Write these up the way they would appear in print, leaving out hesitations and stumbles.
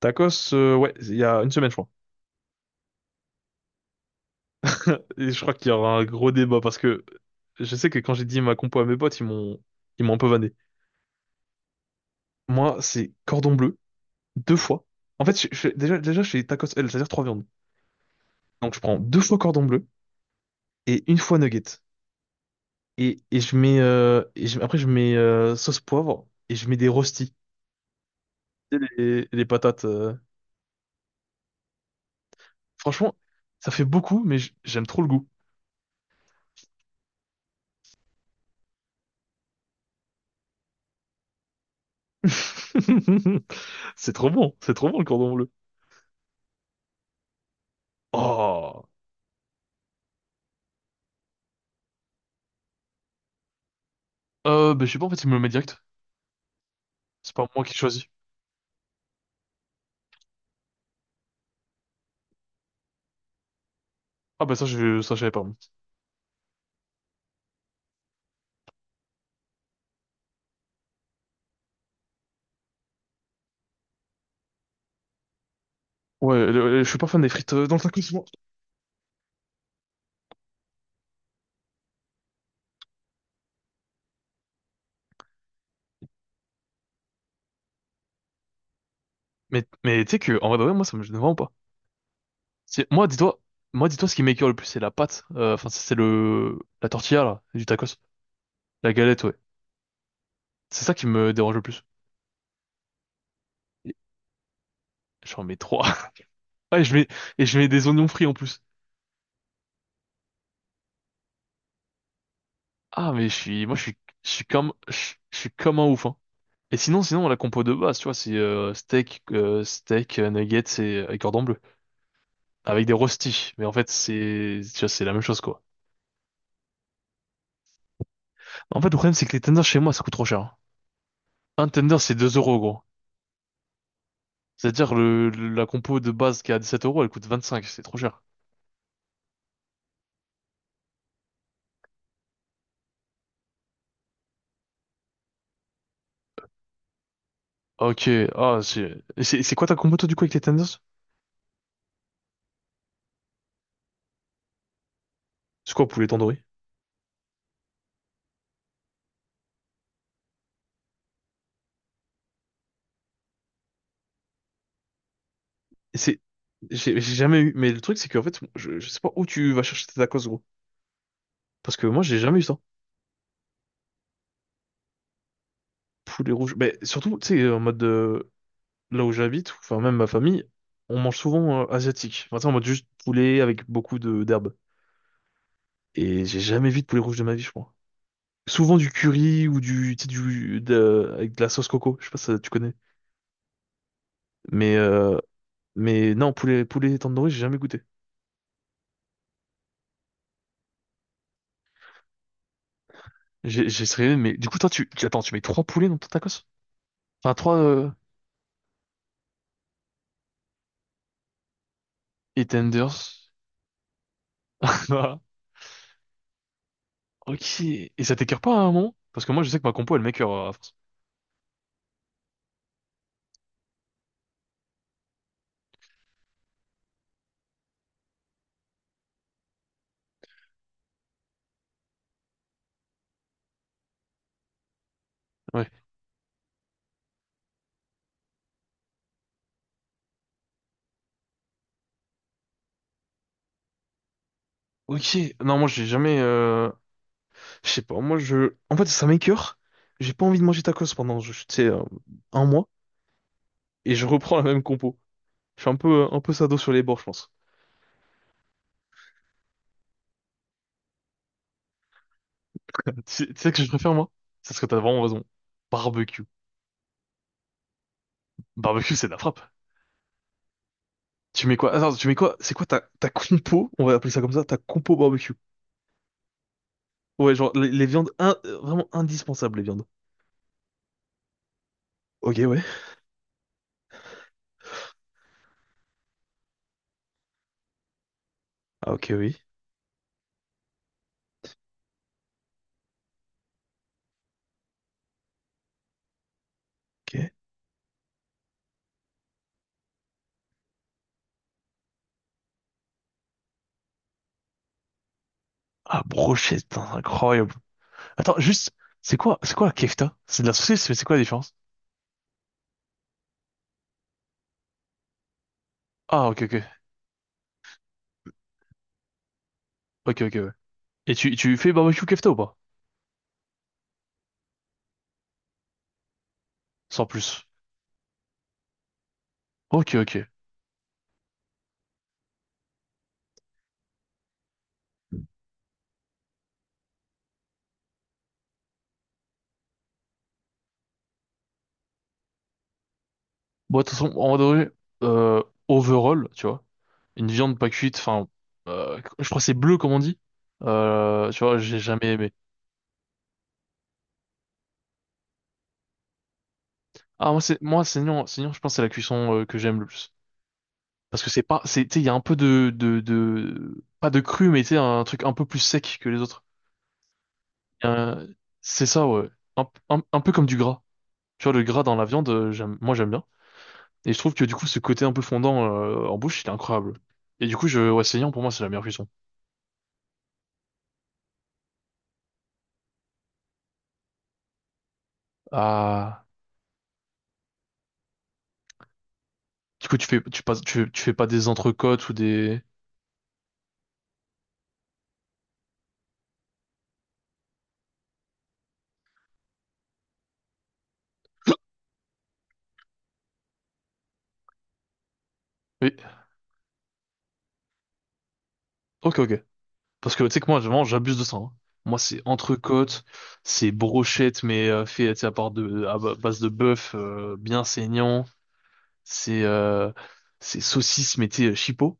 Tacos, ouais, il y a une semaine, je crois. Et je crois qu'il y aura un gros débat parce que je sais que quand j'ai dit ma compo à mes potes, ils m'ont un peu vanné. Moi, c'est cordon bleu, deux fois. En fait, déjà, je fais tacos L, c'est-à-dire trois viandes. Donc, je prends deux fois cordon bleu et une fois nugget. Et je mets, et je- après, je mets sauce poivre et je mets des rostis. Tu sais, les patates. Franchement, ça fait beaucoup, mais j'aime trop le goût. C'est trop bon le cordon bleu. Oh! Bah, je sais pas, en fait, il me le met direct. C'est pas moi qui choisis. Ah, bah, ça, je savais pas. Ouais, je suis pas fan des frites dans le tacos souvent. Mais tu sais que, en vrai, de vrai, moi, ça me gêne vraiment pas. C'est, moi, dis-toi, moi, dis-toi, ce qui m'écoeure le plus, c'est la pâte. Enfin, c'est la tortilla, là, du tacos. La galette, ouais. C'est ça qui me dérange le plus. Et J'en mets trois. Ouais, je mets des oignons frits en plus. Ah, mais je suis, moi, je suis comme, je suis comme un ouf, hein. Et sinon, la compo de base, tu vois, c'est steak, nuggets et cordon bleu. Avec des rostis. Mais en fait, c'est, tu vois, c'est la même chose, quoi. En fait, le problème, c'est que les tenders chez moi, ça coûte trop cher. Un tender, c'est 2 euros, gros. C'est-à-dire, la compo de base qui est à sept euros, elle coûte 25, c'est trop cher. Ok, ah, c'est quoi ta compo, toi, du coup, avec les tenders? C'est quoi, poulet tandoori? C'est, j'ai jamais eu, mais le truc, c'est qu'en fait, je sais pas où tu vas chercher tes tacos, gros. Parce que moi, j'ai jamais eu ça. Poulet rouge. Mais surtout, tu sais, en mode, là où j'habite, ou enfin, même ma famille, on mange souvent asiatique. Enfin, tu sais, en mode juste poulet avec beaucoup de d'herbes. Et j'ai jamais vu de poulet rouge de ma vie, je crois. Souvent du curry ou du, tu sais, avec de la sauce coco, je sais pas si tu connais. Mais euh, mais non, poulet tandoori, j'ai jamais goûté. J'ai essayé, mais du coup toi attends, tu mets trois poulets dans ton tacos? Enfin trois et tenders. Ah, Ok. Et ça t'écœure pas à un moment? Parce que moi je sais que ma compo elle m'écœure à force. Ouais. Ok. Non, moi j'ai jamais je sais pas, moi je en fait ça m'écœure. J'ai pas envie de manger tacos pendant je tu sais un mois et je reprends la même compo. Je suis un peu sado sur les bords, je pense. Tu sais que je préfère, moi? C'est ce que t'as vraiment raison. Barbecue. Barbecue, c'est de la frappe. Tu mets quoi? Attends, tu mets quoi? C'est quoi ta compo? On va appeler ça comme ça, ta compo barbecue. Ouais, genre, les viandes, vraiment indispensables, les viandes. Ok, ouais. Ah, ok, oui. Ok. Ah, brochette, putain, c'est incroyable. Attends, juste, c'est quoi la kefta? C'est de la saucisse, mais c'est quoi la différence? Ah, ok, ok. Ok, ok, ouais. Et tu fais barbecue kefta ou pas? Sans plus. Ok, ok. Bon, de toute façon, en vrai, euh, overall, tu vois, une viande pas cuite, enfin, je crois que c'est bleu, comme on dit. Tu vois, j'ai jamais aimé. Ah, moi, moi, saignant, saignant, je pense que c'est la cuisson que j'aime le plus. Parce que c'est pas, c'est, tu sais, il y a un peu de, pas de cru, mais tu sais, un truc un peu plus sec que les autres. Euh, c'est ça, ouais. Un peu comme du gras. Tu vois, le gras dans la viande, j'aime, moi, j'aime bien. Et je trouve que, du coup, ce côté un peu fondant, en bouche, il est incroyable. Et du coup, ouais, saignant, pour moi, c'est la meilleure cuisson. Ah. Du coup, tu fais pas des entrecôtes ou des. Oui, ok, ok. Parce que tu sais que moi, vraiment, j'abuse de ça, hein. Moi, c'est entrecôte, c'est brochette, mais fait tu sais, à part de, à ba- base de bœuf, bien saignant. C'est euh, c'est saucisse, mais tu sais, chipot.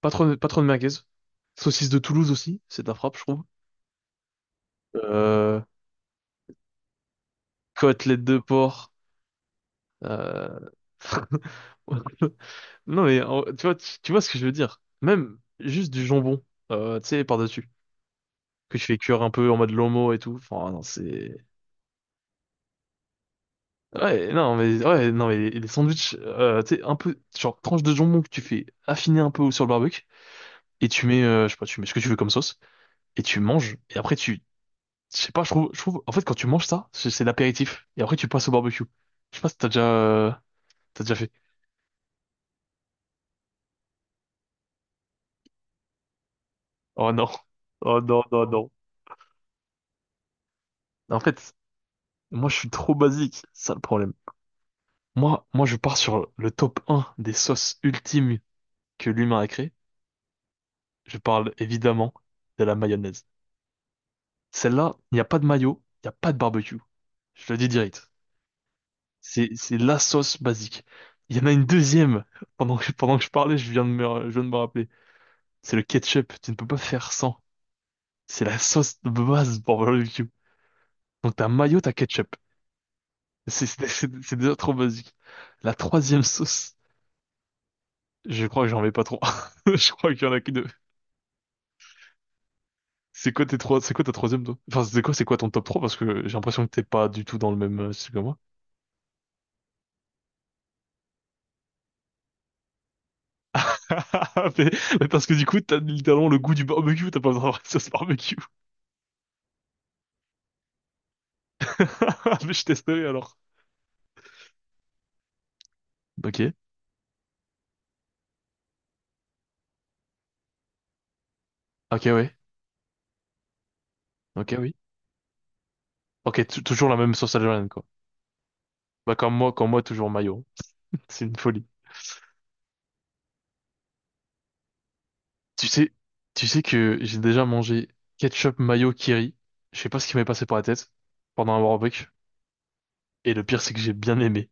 Pas trop, pas trop de merguez. Saucisse de Toulouse aussi, c'est de la frappe, je trouve. Euh, Côtelette de porc. Euh... Non, mais tu vois, tu vois ce que je veux dire. Même juste du jambon, tu sais, par-dessus, que tu fais cuire un peu en mode lomo et tout. Enfin, non, c'est... Ouais, non, mais les sandwichs, tu sais, un peu, genre, tranche de jambon que tu fais affiner un peu sur le barbecue, et tu mets, je sais pas, tu mets ce que tu veux comme sauce, et tu manges, et après tu, je sais pas, je trouve, en fait, quand tu manges ça, c'est l'apéritif, et après tu passes au barbecue. Je sais pas si euh, t'as déjà fait. Oh non. Oh non, non, non. En fait, moi, je suis trop basique, c'est ça le problème. Moi, je pars sur le top un des sauces ultimes que l'humain a créées. Je parle évidemment de la mayonnaise. Celle-là, il n'y a pas de mayo, il n'y a pas de barbecue. Je le dis direct. C'est la sauce basique. Il y en a une deuxième. Pendant que je parlais, je viens de me rappeler. C'est le ketchup. Tu ne peux pas faire sans. C'est la sauce de base pour le barbecue. Donc t'as mayo, t'as ketchup. C'est déjà trop basique. La troisième sauce, je crois que j'en mets pas trop. Je crois qu'il y en a que deux. C'est quoi ta troisième toi? Enfin, c'est quoi ton top trois? Parce que j'ai l'impression que t'es pas du tout dans le même style que moi. mais, mais parce que du coup, t'as littéralement le goût du barbecue, t'as pas besoin d'avoir une sauce barbecue. Mais je testerai alors. Ok. Ok, ouais. Ok, oui. Ok, toujours la même sauce algérienne, quoi. Bah, comme moi, toujours mayo, hein. C'est une folie. Tu sais, tu sais que j'ai déjà mangé ketchup mayo kiri. Je sais pas ce qui m'est passé par la tête pendant un barbecue. Et le pire, c'est que j'ai bien aimé.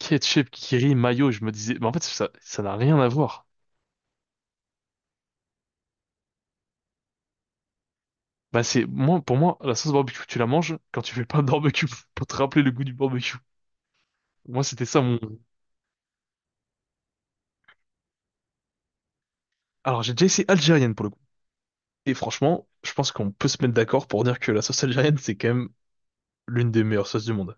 Ketchup kiri mayo, je me disais, mais en fait, ça n'a rien à voir. Bah, moi, pour moi, la sauce barbecue, tu la manges quand tu fais pas de barbecue pour te rappeler le goût du barbecue. Moi, c'était ça mon. Alors, j'ai déjà essayé algérienne pour le coup. Et franchement, je pense qu'on peut se mettre d'accord pour dire que la sauce algérienne, c'est quand même l'une des meilleures sauces du monde.